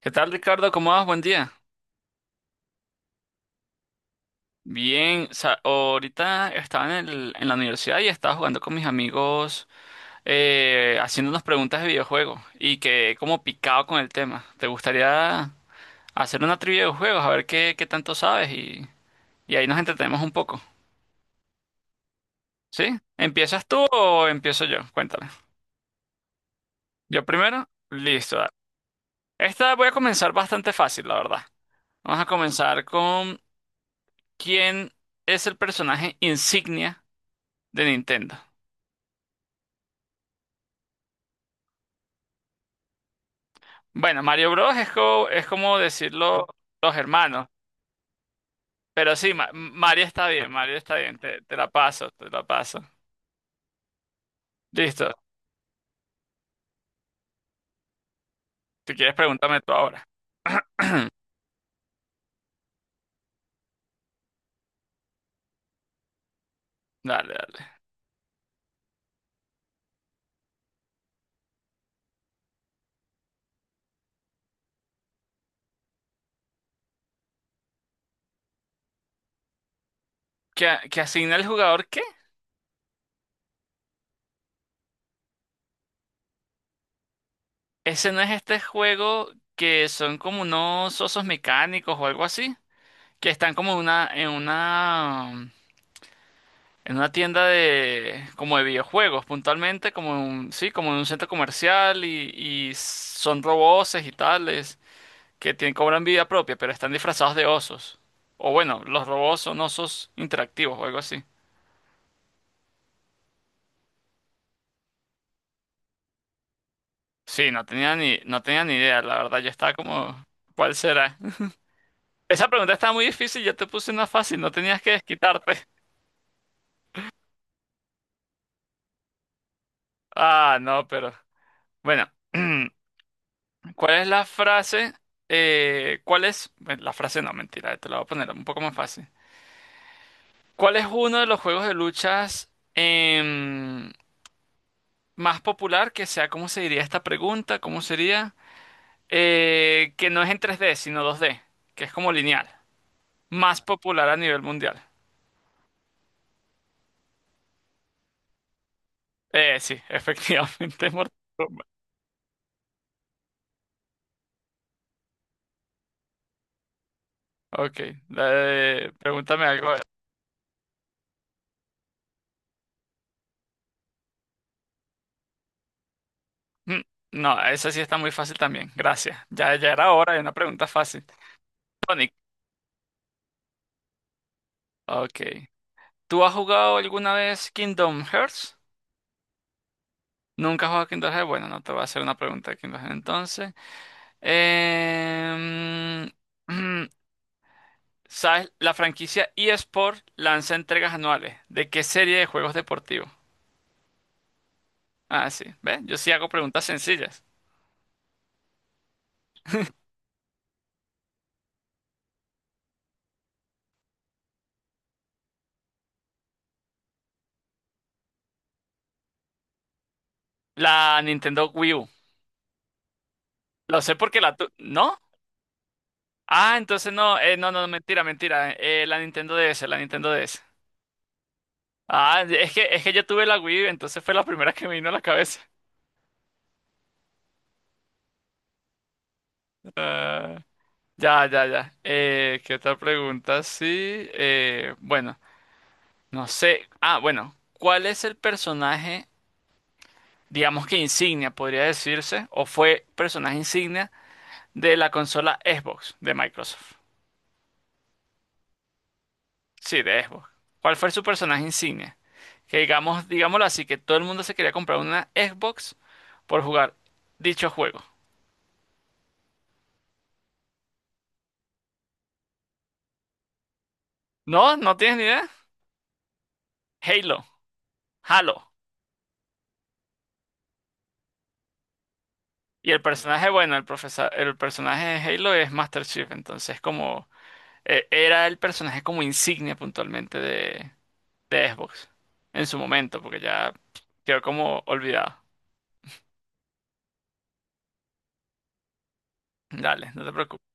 ¿Qué tal, Ricardo? ¿Cómo vas? Buen día. Bien, ahorita estaba en la universidad y estaba jugando con mis amigos, haciendo unas preguntas de videojuegos y quedé como picado con el tema. ¿Te gustaría hacer una trivia de juegos? A ver qué tanto sabes y ahí nos entretenemos un poco. ¿Sí? ¿Empiezas tú o empiezo yo? Cuéntame. Yo primero. Listo. Dale. Esta voy a comenzar bastante fácil, la verdad. Vamos a comenzar con ¿quién es el personaje insignia de Nintendo? Bueno, Mario Bros. Es es como decirlo los hermanos. Pero sí, Mario está bien, Mario está bien. Te la paso, te la paso. Listo. Si quieres, pregúntame tú ahora. Dale, dale. Que asigna el jugador qué? Ese no es este juego que son como unos osos mecánicos o algo así. Que están como en una tienda de, como de videojuegos, puntualmente, como en un, sí, como en un centro comercial y son roboces y tales. Que tienen, cobran vida propia, pero están disfrazados de osos. O bueno, los robots son osos interactivos o algo así. Sí, no tenía ni idea, la verdad, yo estaba como, ¿cuál será? Esa pregunta estaba muy difícil, yo te puse una fácil, no tenías que desquitarte. Ah, no, pero bueno, ¿cuál es la frase? ¿Cuál es? Bueno, La frase no, mentira, te la voy a poner un poco más fácil. ¿Cuál es uno de los juegos de luchas, más popular que sea? ¿Cómo se diría esta pregunta? ¿Cómo sería? Que no es en 3D, sino 2D, que es como lineal. Más popular a nivel mundial. Sí, efectivamente, es Mortal Kombat. Ok, pregúntame algo. Mm, No, esa sí está muy fácil también, gracias. Ya, ya era hora de una pregunta fácil. Sonic, ok. ¿Tú has jugado alguna vez Kingdom Hearts? ¿Nunca has jugado Kingdom Hearts? Bueno, no te voy a hacer una pregunta de Kingdom Hearts entonces. Em, ¿Sabes? La franquicia eSport lanza entregas anuales. ¿De qué serie de juegos deportivos? Ah, sí. ¿Ves? Yo sí hago preguntas sencillas. La Nintendo Wii U. Lo sé porque la tu... ¿No? Ah, entonces no. No, no, no, mentira, mentira. La Nintendo DS, la Nintendo DS. Ah, es que yo tuve la Wii entonces fue la primera que me vino a la cabeza. Ah, ya. ¿Qué otra pregunta? Sí. Bueno, no sé. Ah, bueno. ¿Cuál es el personaje? Digamos que insignia, podría decirse, o fue personaje insignia de la consola Xbox de Microsoft. Sí, de Xbox. ¿Cuál fue su personaje insignia? Que digamos, digámoslo así, que todo el mundo se quería comprar una Xbox por jugar dicho juego. ¿No? ¿No tienes ni idea? Halo, Halo. Y el personaje, bueno, el profesor, el personaje de Halo es Master Chief, entonces como era el personaje como insignia puntualmente de Xbox en su momento, porque ya quedó como olvidado. Dale, no te preocupes.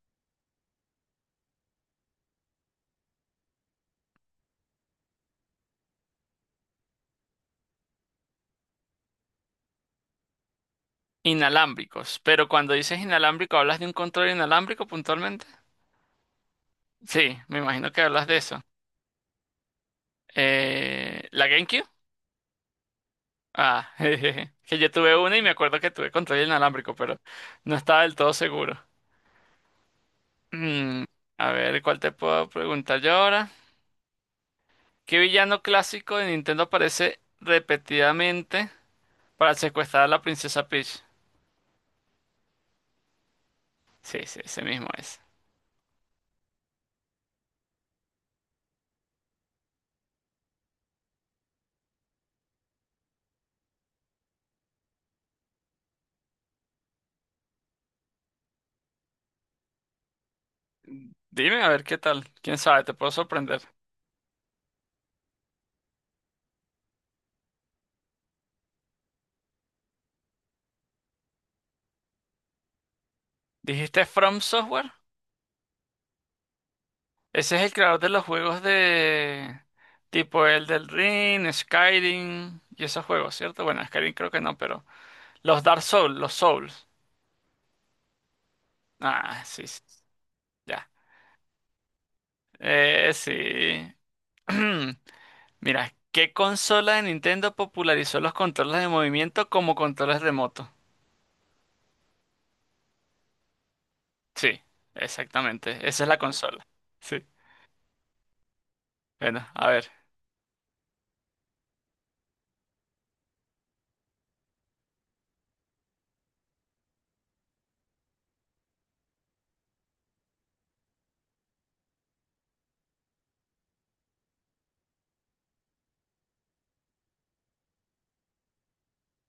Inalámbricos. Pero cuando dices inalámbrico, ¿hablas de un control inalámbrico puntualmente? Sí, me imagino que hablas de eso. ¿La GameCube? Ah, jejeje. Que yo tuve una y me acuerdo que tuve control inalámbrico, pero no estaba del todo seguro. Mm, a ver, ¿cuál te puedo preguntar yo ahora? ¿Qué villano clásico de Nintendo aparece repetidamente para secuestrar a la princesa Peach? Sí, sí, ese mismo es. Dime, a ver qué tal. ¿Quién sabe? Te puedo sorprender. ¿Dijiste From Software? Ese es el creador de los juegos de tipo el del Ring, Skyrim y esos juegos, ¿cierto? Bueno, Skyrim creo que no, pero los Dark Souls, los Souls. Ah, sí, sí, ya. Sí. Mira, ¿qué consola de Nintendo popularizó los controles de movimiento como controles remotos? Sí, exactamente. Esa es la consola. Sí. Bueno, a ver.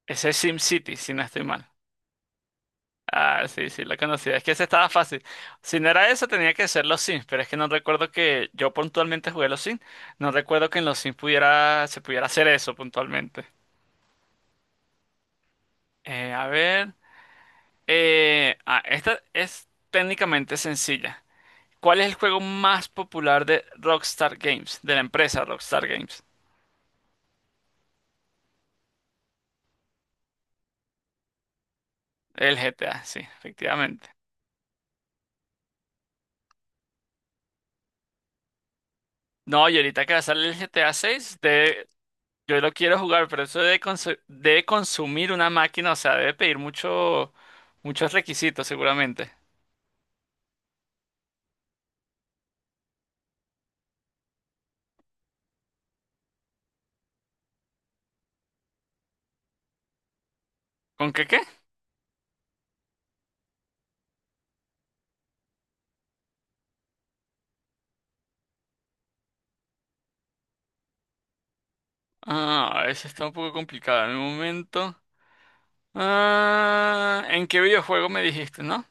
Ese es SimCity, si no estoy mal. Ah, sí, sí, la conocía. Es que ese estaba fácil. Si no era eso, tenía que ser los Sims, pero es que no recuerdo que yo puntualmente jugué los Sims. No recuerdo que en los Sims se pudiera hacer eso puntualmente. A ver. Esta es técnicamente sencilla. ¿Cuál es el juego más popular de Rockstar Games? De la empresa Rockstar Games. El GTA, sí, efectivamente. No, y ahorita que va a salir el GTA 6, yo lo quiero jugar, pero eso debe consumir una máquina, o sea, debe pedir muchos requisitos seguramente. ¿Con qué qué? Ah, eso está un poco complicado en el momento. Ah, ¿en qué videojuego me dijiste, no?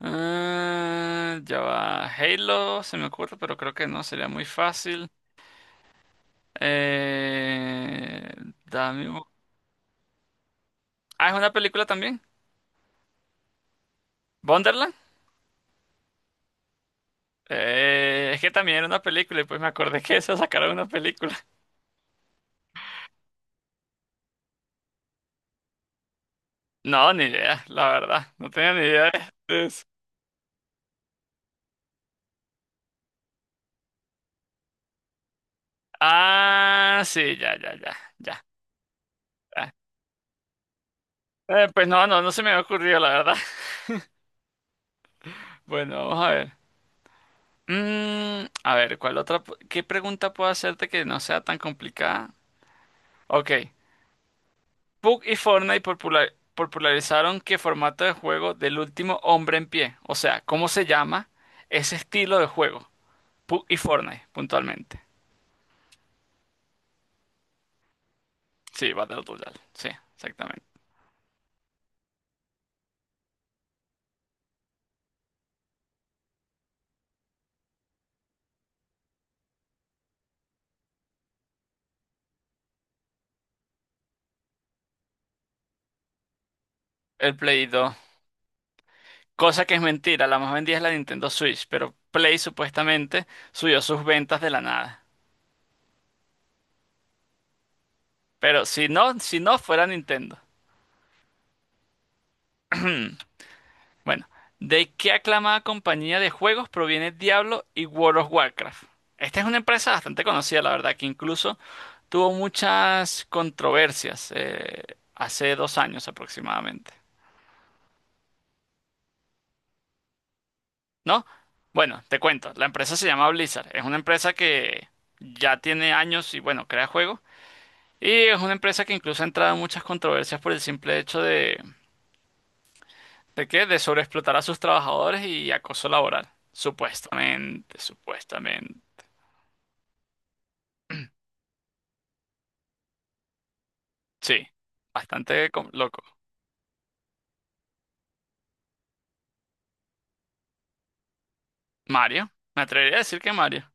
Ah, ya va. Halo, se me ocurre, pero creo que no, sería muy fácil. Eh, dame un- Ah, ¿es una película también? ¿Wonderland? Es que también era una película y pues me acordé que eso sacaron una película. No, ni idea, la verdad. No tenía ni idea de eso. Ah, sí, ya. Ya. Pues no, no se me había ocurrido, la verdad. Bueno, vamos a ver. A ver, ¿cuál otra? ¿Qué pregunta puedo hacerte que no sea tan complicada? Ok. Pug y Fortnite popularizaron qué formato de juego del último hombre en pie. O sea, ¿cómo se llama ese estilo de juego? Pug y Fortnite, puntualmente. Sí, Battle Royale. Sí, exactamente. El Play 2. Cosa que es mentira, la más vendida es la Nintendo Switch, pero Play supuestamente subió sus ventas de la nada. Pero si no, si no fuera Nintendo. Bueno, ¿de qué aclamada compañía de juegos proviene Diablo y World of Warcraft? Esta es una empresa bastante conocida, la verdad, que incluso tuvo muchas controversias, hace 2 años aproximadamente, ¿no? Bueno, te cuento, la empresa se llama Blizzard, es una empresa que ya tiene años y bueno, crea juegos. Y es una empresa que incluso ha entrado en muchas controversias por el simple hecho ¿de qué? De sobreexplotar a sus trabajadores y acoso laboral. Supuestamente, supuestamente. Sí, bastante loco. Mario, me atrevería a decir que Mario.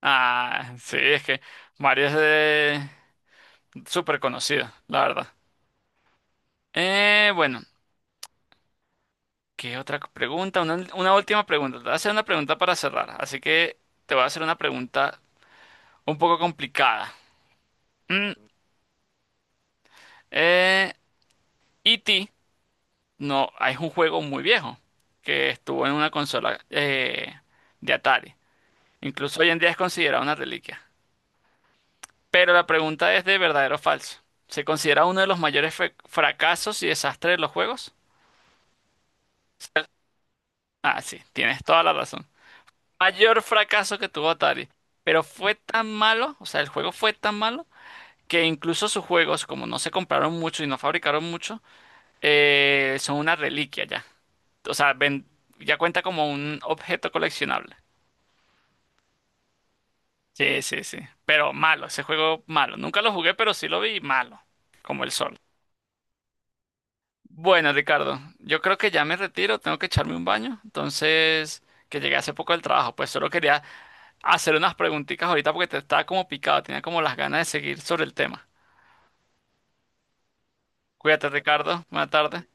Ah, sí, es que Mario es de... súper conocido, la verdad. Bueno, ¿qué otra pregunta? Una última pregunta. Te voy a hacer una pregunta para cerrar. Así que te voy a hacer una pregunta un poco complicada. Mm, eh, ¿Y ti? No, es un juego muy viejo que estuvo en una consola, de Atari. Incluso hoy en día es considerado una reliquia. Pero la pregunta es de verdadero o falso. ¿Se considera uno de los mayores fracasos y desastres de los juegos? Ah, sí, tienes toda la razón. Mayor fracaso que tuvo Atari. Pero fue tan malo, o sea, el juego fue tan malo, que incluso sus juegos, como no se compraron mucho y no fabricaron mucho, son una reliquia ya. O sea, ya cuenta como un objeto coleccionable. Sí, sí, sí. Pero malo, ese juego malo. Nunca lo jugué, pero sí lo vi malo, como el sol. Bueno, Ricardo, yo creo que ya me retiro, tengo que echarme un baño. Entonces, que llegué hace poco del trabajo, pues solo quería hacer unas preguntitas ahorita porque te estaba como picado, tenía como las ganas de seguir sobre el tema. Cuídate, Ricardo. Buena tarde.